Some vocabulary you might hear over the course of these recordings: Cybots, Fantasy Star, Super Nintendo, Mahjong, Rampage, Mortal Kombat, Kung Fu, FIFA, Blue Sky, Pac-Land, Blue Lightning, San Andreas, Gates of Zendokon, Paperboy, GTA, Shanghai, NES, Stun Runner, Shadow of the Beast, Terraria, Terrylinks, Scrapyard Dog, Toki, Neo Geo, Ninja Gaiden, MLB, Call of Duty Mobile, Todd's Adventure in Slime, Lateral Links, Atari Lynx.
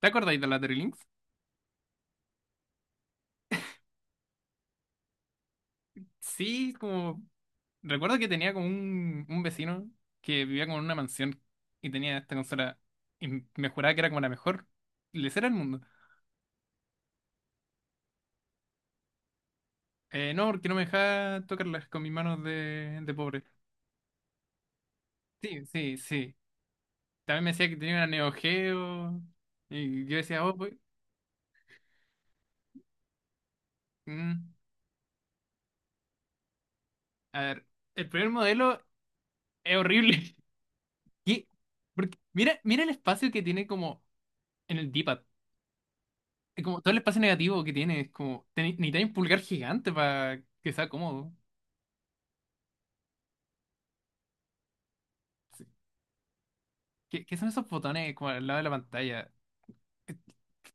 ¿Te acordáis de la Terrylinks? Sí, como... Recuerdo que tenía como un vecino que vivía como en una mansión y tenía esta consola, y me juraba que era como la mejor lesera del mundo. No, porque no me dejaba tocarlas con mis manos de pobre. Sí, sí, sí. También me decía que tenía una Neo Geo, y yo decía, oh, pues... mm, A ver, el primer modelo es horrible. ¿Qué? Porque mira, mira el espacio que tiene como en el D-pad. Es como todo el espacio negativo que tiene, es como, necesitas un pulgar gigante para que sea cómodo. Sí. ¿Qué, qué son esos botones como al lado de la pantalla? Eh,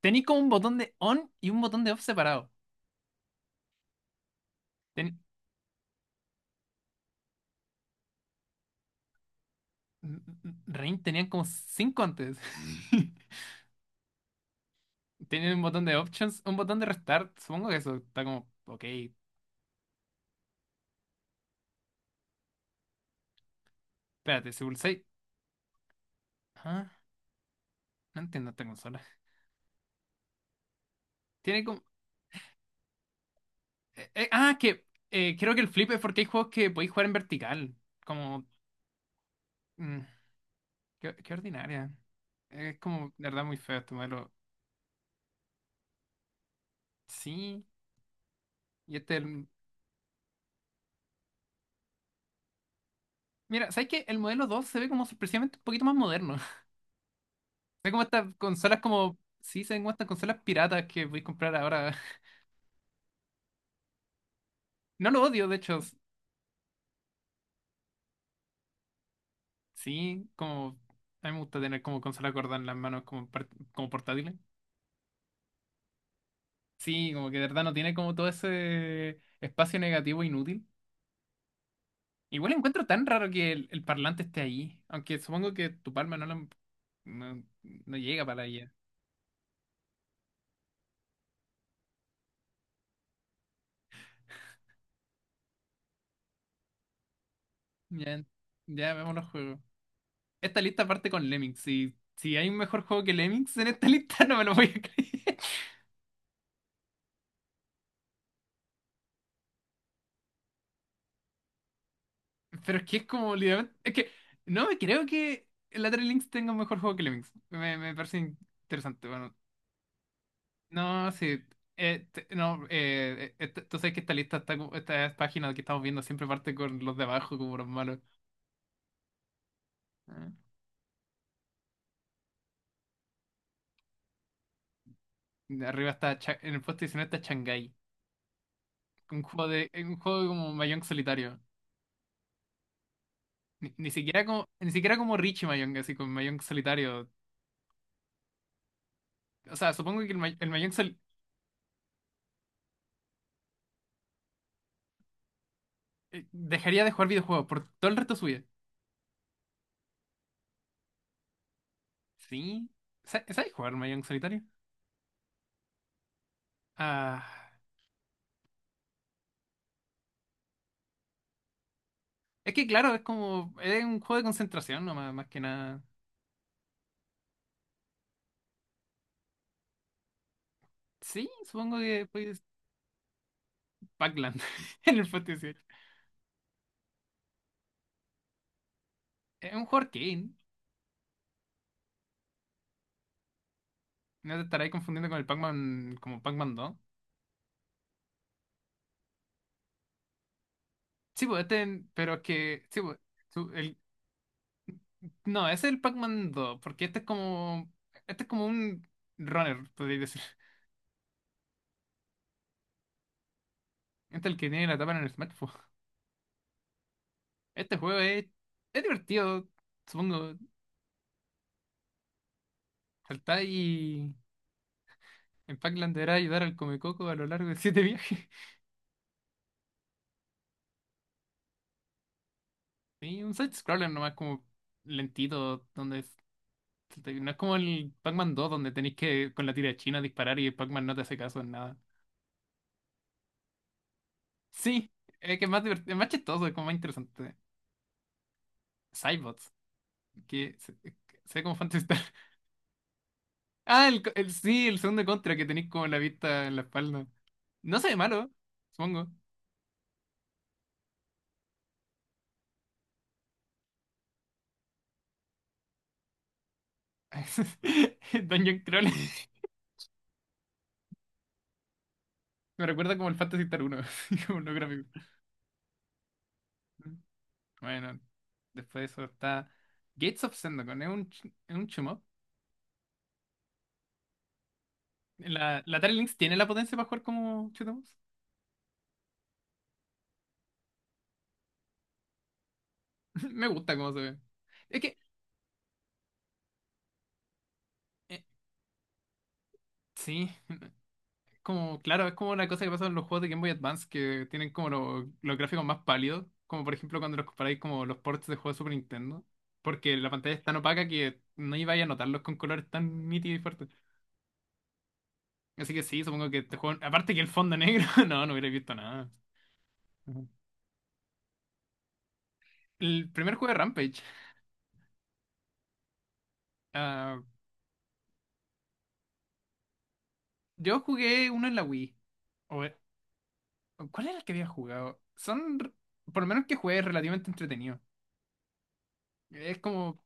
Tenéis como un botón de on y un botón de off separado. Ten... Rain tenían como cinco antes. Tienen un botón de options, un botón de restart. Supongo que eso está como, ok, espérate, si pulsáis. Ah, no entiendo esta consola. Tiene como. Ah, que Creo que el flip es porque hay juegos que podéis jugar en vertical. Como. mm, Qué, qué ordinaria. Es como, de verdad, muy feo este modelo. Sí. Y este. el- Mira, ¿sabes qué? El modelo 2 se ve como sorpresivamente un poquito más moderno. Se ve como estas consolas como. Sí, se ven como estas consolas piratas que voy a comprar ahora. No lo odio, de hecho. Sí, como. A mí me gusta tener como consola gorda en las manos como, como portátiles. Sí, como que de verdad no tiene como todo ese espacio negativo inútil. Igual encuentro tan raro que el parlante esté ahí. Aunque supongo que tu palma no lo. No, no llega para allá. Ya, en- ya vemos los juegos. Esta lista parte con Lemmings. Si hay un mejor juego que Lemmings en esta lista, no me lo voy a creer. Pero es que es como literalmente. Es que no me creo que Lateral Links tenga un mejor juego que Lemmings. Me parece interesante. Bueno, no, sí. Te- no, esta- Tú sabes que esta lista, está, esta página que estamos viendo siempre parte con los de abajo como los malos. Ah. De arriba está, en el puesto 19 está Shanghai. Un juego de, un juego como Mahjong solitario. Ni, ni siquiera como, ni siquiera como Richie Mayong, así con Mayong solitario. O sea, supongo que el, el Mahjong dejaría de jugar videojuegos por todo el resto de su vida. ¿Sí? Sabes jugar Mayong solitario? Ah, es que claro, es como, es un juego de concentración no más más que nada. Sí, supongo que pues Pac-Land en el Fantasy. Es un juego arcade. No te estarás confundiendo con el Pac-Man, como Pac-Man 2. Sí, pues este, pero es que, sí, pues, No, ese es el Pac-Man 2 porque este es como. Este es como un runner, podría decir. Este es el que tiene la tapa en el smartphone. Este juego es. Es divertido, supongo. Saltar y. En Pac-Man deberá ayudar al Comecoco a lo largo de siete viajes. Y un side-scroller nomás como lentito, no es como el Pac-Man 2 donde tenéis que con la tira china disparar y el Pac-Man no te hace caso en nada. Sí, es que es más divertido, es más chistoso, es como más interesante. Cybots, que se, se ve como fantasía. Sí, el segundo contra que tenéis como la vista en la espalda. No se ve malo, supongo. Dungeon Crawl. Me recuerda como el Fantasy Star 1, como lo gráfico. Bueno, después de eso está Gates of Zendokon. Es un, es un shoot 'em up. La Atari Lynx tiene la potencia para jugar como shoot 'em ups. Me gusta cómo se ve. Es que, eh, sí. Como, claro, es como una cosa que pasa en los juegos de Game Boy Advance que tienen como los gráficos más pálidos, como por ejemplo cuando los comparáis como los ports de juegos de Super Nintendo, porque la pantalla es tan opaca que no ibais a notarlos con colores tan nítidos y fuertes. Así que sí, supongo que este juego, aparte que el fondo negro, no, no hubiera visto nada. Ujú. El primer juego de Rampage, ah, yo jugué uno en la Wii. O- ¿Cuál era el que había jugado? Son, por lo menos que jugué, es relativamente entretenido. Es como.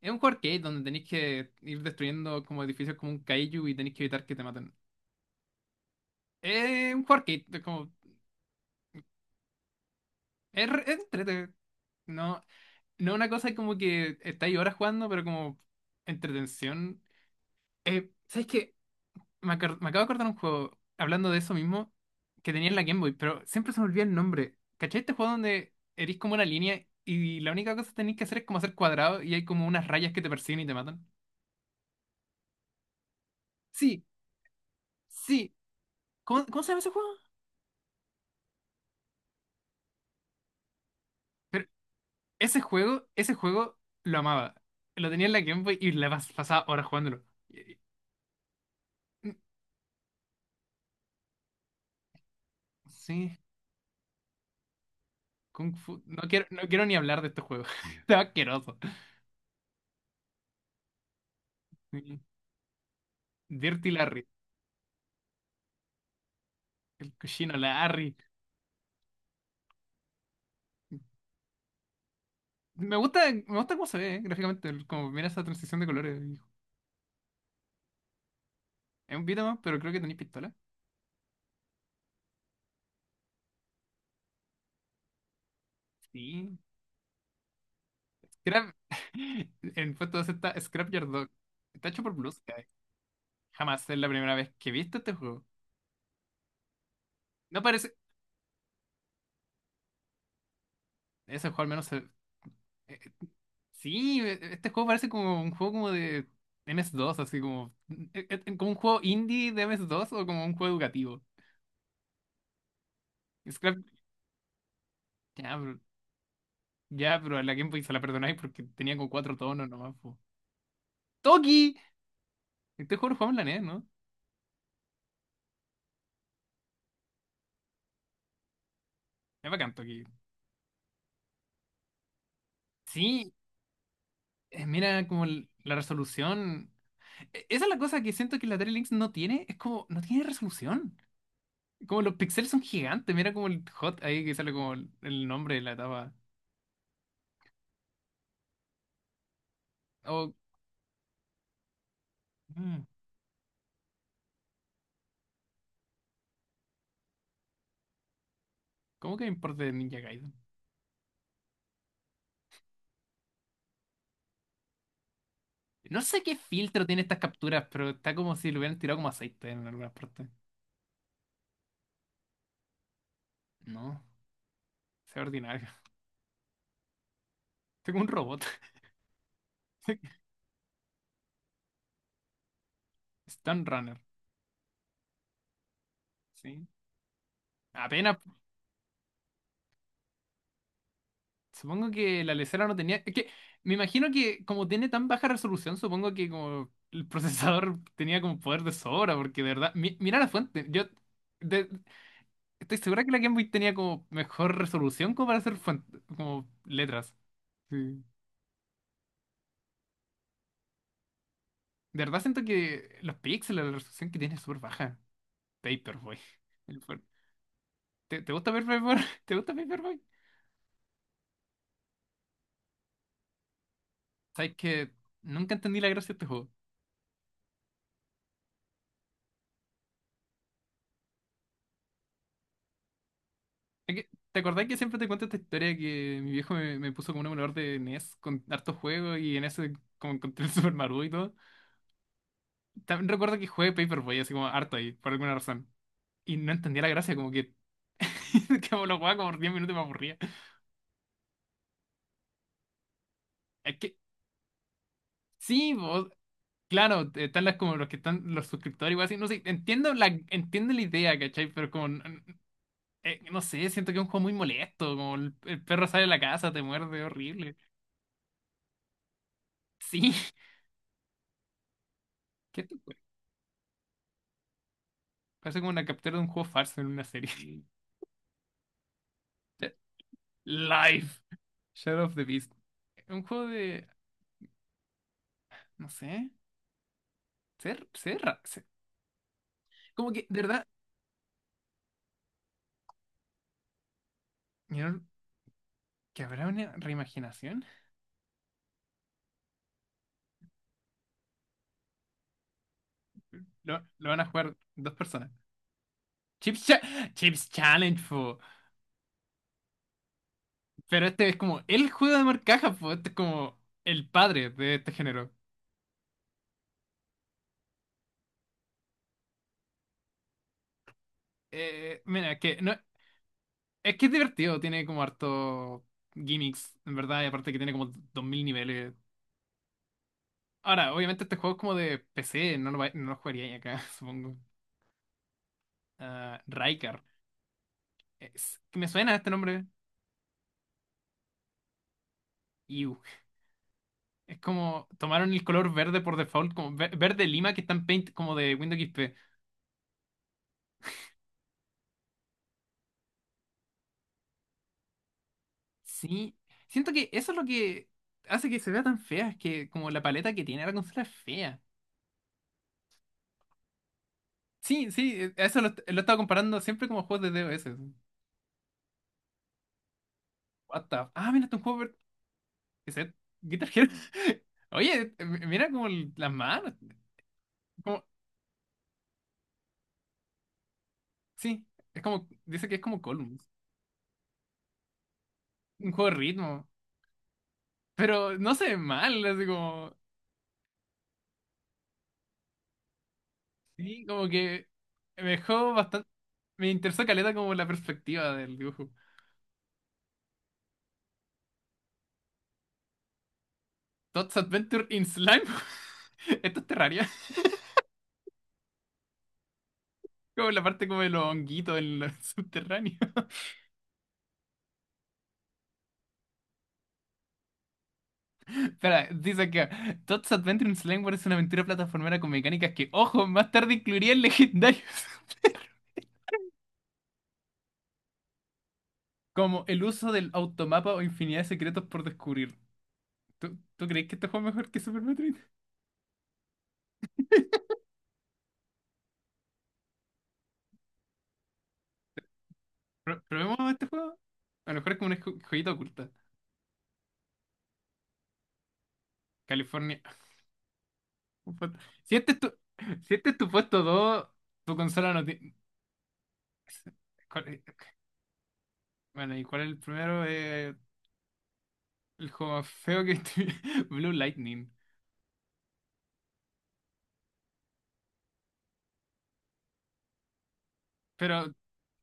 Es un juego arcade donde tenéis que ir destruyendo como edificios como un kaiju y tenéis que evitar que te maten. Es un juego arcade, es como. Es, es entrete. No, no una cosa como que estáis horas jugando, pero como entretención. ¿Sabes qué? Me acabo de acordar un juego, hablando de eso mismo, que tenía en la Game Boy, pero siempre se me olvida el nombre. ¿Cachai este juego donde eres como una línea y la única cosa que tenéis que hacer es como hacer cuadrados y hay como unas rayas que te persiguen y te matan? Sí, sí. ¿Cómo, cómo se llama ese juego? Ese juego, ese juego lo amaba. Lo tenía en la Game Boy y la pasaba horas jugándolo. Y- y- mm, Sí, Kung Fu. No quiero, no quiero ni hablar de este juego. Está asqueroso. Sí. Dirty Larry. El cochino Larry. Me gusta cómo se ve, gráficamente. Como mira esa transición de colores. Es un beat'em up, pero creo que tenéis pistola. Sí. Scrap. En puesto 2 está Scrapyard Dog. Está hecho por Blue Sky. Jamás, es la primera vez que he visto este juego. No parece. Ese juego al menos se. Sí, este juego parece como un juego como de ms dos así como, como un juego indie de ms dos o como un juego educativo. Es claro, ya, pero, ya, pero a la Game Boy se la perdonáis porque tenía como cuatro tonos nomás. Po. ¡Toki! Este juego lo jugamos en la NES, ¿no? Es bacán, Toki. Sí, mira como la resolución. Esa es la cosa que siento que la Atari Lynx no tiene, es como, no tiene resolución. Como los píxeles son gigantes, mira como el hot ahí que sale como el nombre de la etapa. Oh, mm. ¿Cómo que me importa de Ninja Gaiden? No sé qué filtro tiene estas capturas, pero está como si lo hubieran tirado como aceite en algunas partes. No, sea ordinario. Estoy como un robot. Stun Runner, sí. Apenas. Supongo que la lesera no tenía. Es que me imagino que como tiene tan baja resolución, supongo que como el procesador tenía como poder de sobra, porque de verdad. Mira la fuente. Yo de- estoy segura que la Game Boy tenía como mejor resolución como para hacer como letras. Sí. De verdad siento que los píxeles, la resolución que tiene es súper baja. Paperboy. El for- ¿Te, te gusta Paperboy? ¿Te gusta Paperboy? Sabes que nunca entendí la gracia de este juego. ¿Te acordás que siempre te cuento esta historia que mi viejo me, me puso como un emulador de NES con hartos juegos y en ese como encontré el Super Mario y todo? También recuerdo que jugué Paperboy así como harto ahí, por alguna razón. Y no entendía la gracia, como que, que la jugaba como por 10 minutos y me aburría. Es que sí, claro, están las como los que están los suscriptores igual así, no sé, entiendo la idea, ¿cachai? Pero como no sé, siento que es un juego muy molesto, como el perro sale de la casa, te muerde, horrible. Sí, ¿qué te fue? Parece como una captura de un juego falso en una serie. Live, Shadow of the Beast. Un juego de no sé, ser ser ra- ser- como que de verdad, ¿vieron que habrá una reimaginación? Lo van a jugar dos personas. Chips, Cha- Chips Challenge. Pero este es como el juego de marcajas, pues este es como el padre de este género. Mira, que no, es que es divertido, tiene como harto gimmicks, en verdad, y aparte que tiene como 2000 niveles. Ahora, obviamente este juego es como de PC, no lo, no lo jugaría ahí acá, supongo. Ah, Raikar. Que me suena este nombre. Iu. Es como tomaron el color verde por default, como verde lima que está en Paint como de Windows XP. Sí, siento que eso es lo que hace que se vea tan fea, es que como la paleta que tiene la consola es fea. Sí, sí, eso lo he estado comparando siempre como juegos de D O S. What the... Ah, mira, este es un juego per- que se Guitar Hero. Oye, mira como las manos. Como... Sí, es como, dice que es como Columns, un juego de ritmo. Pero no se ve mal, así como... Sí, como que me dejó bastante... Me interesó caleta como la perspectiva del dibujo. Todd's Adventure in Slime. Esto es Terraria. Como la parte como de los honguitos en lo subterráneo. Espera, dice acá. Todd's Adventure in Slime es una aventura plataformera con mecánicas que, ojo, más tarde incluirían legendarios. Como el uso del automapa o infinidad de secretos por descubrir. ¿Tú, tú crees que este juego es mejor que Super Metroid? ¿Probemos este juego? A lo mejor es como una joyita oculta. California. Si este es tu, si este es tu puesto 2, tu consola no tiene... ¿Cuál es- Bueno, ¿y cuál es el primero? El juego más feo que estoy. Blue Lightning. Pero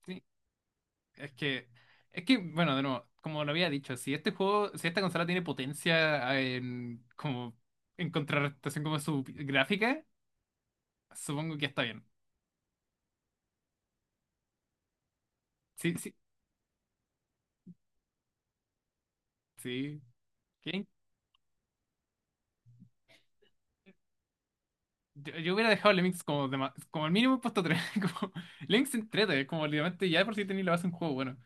sí, es que. Es que, bueno, de nuevo, como lo había dicho, si este juego, si esta consola tiene potencia ah, en como en contrarrestación como su gráfica, supongo que está bien. Sí, sí, sí. ¿Qué? Yo hubiera dejado Lemmings como de como el mínimo puesto tres. Como, Lemmings entrete, como literalmente ya de por si tenía la base de un juego bueno.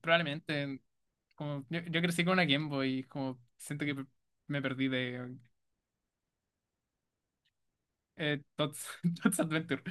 Probablemente, como yo crecí con una Game Boy, como siento que me perdí de Tots, Tots Adventure.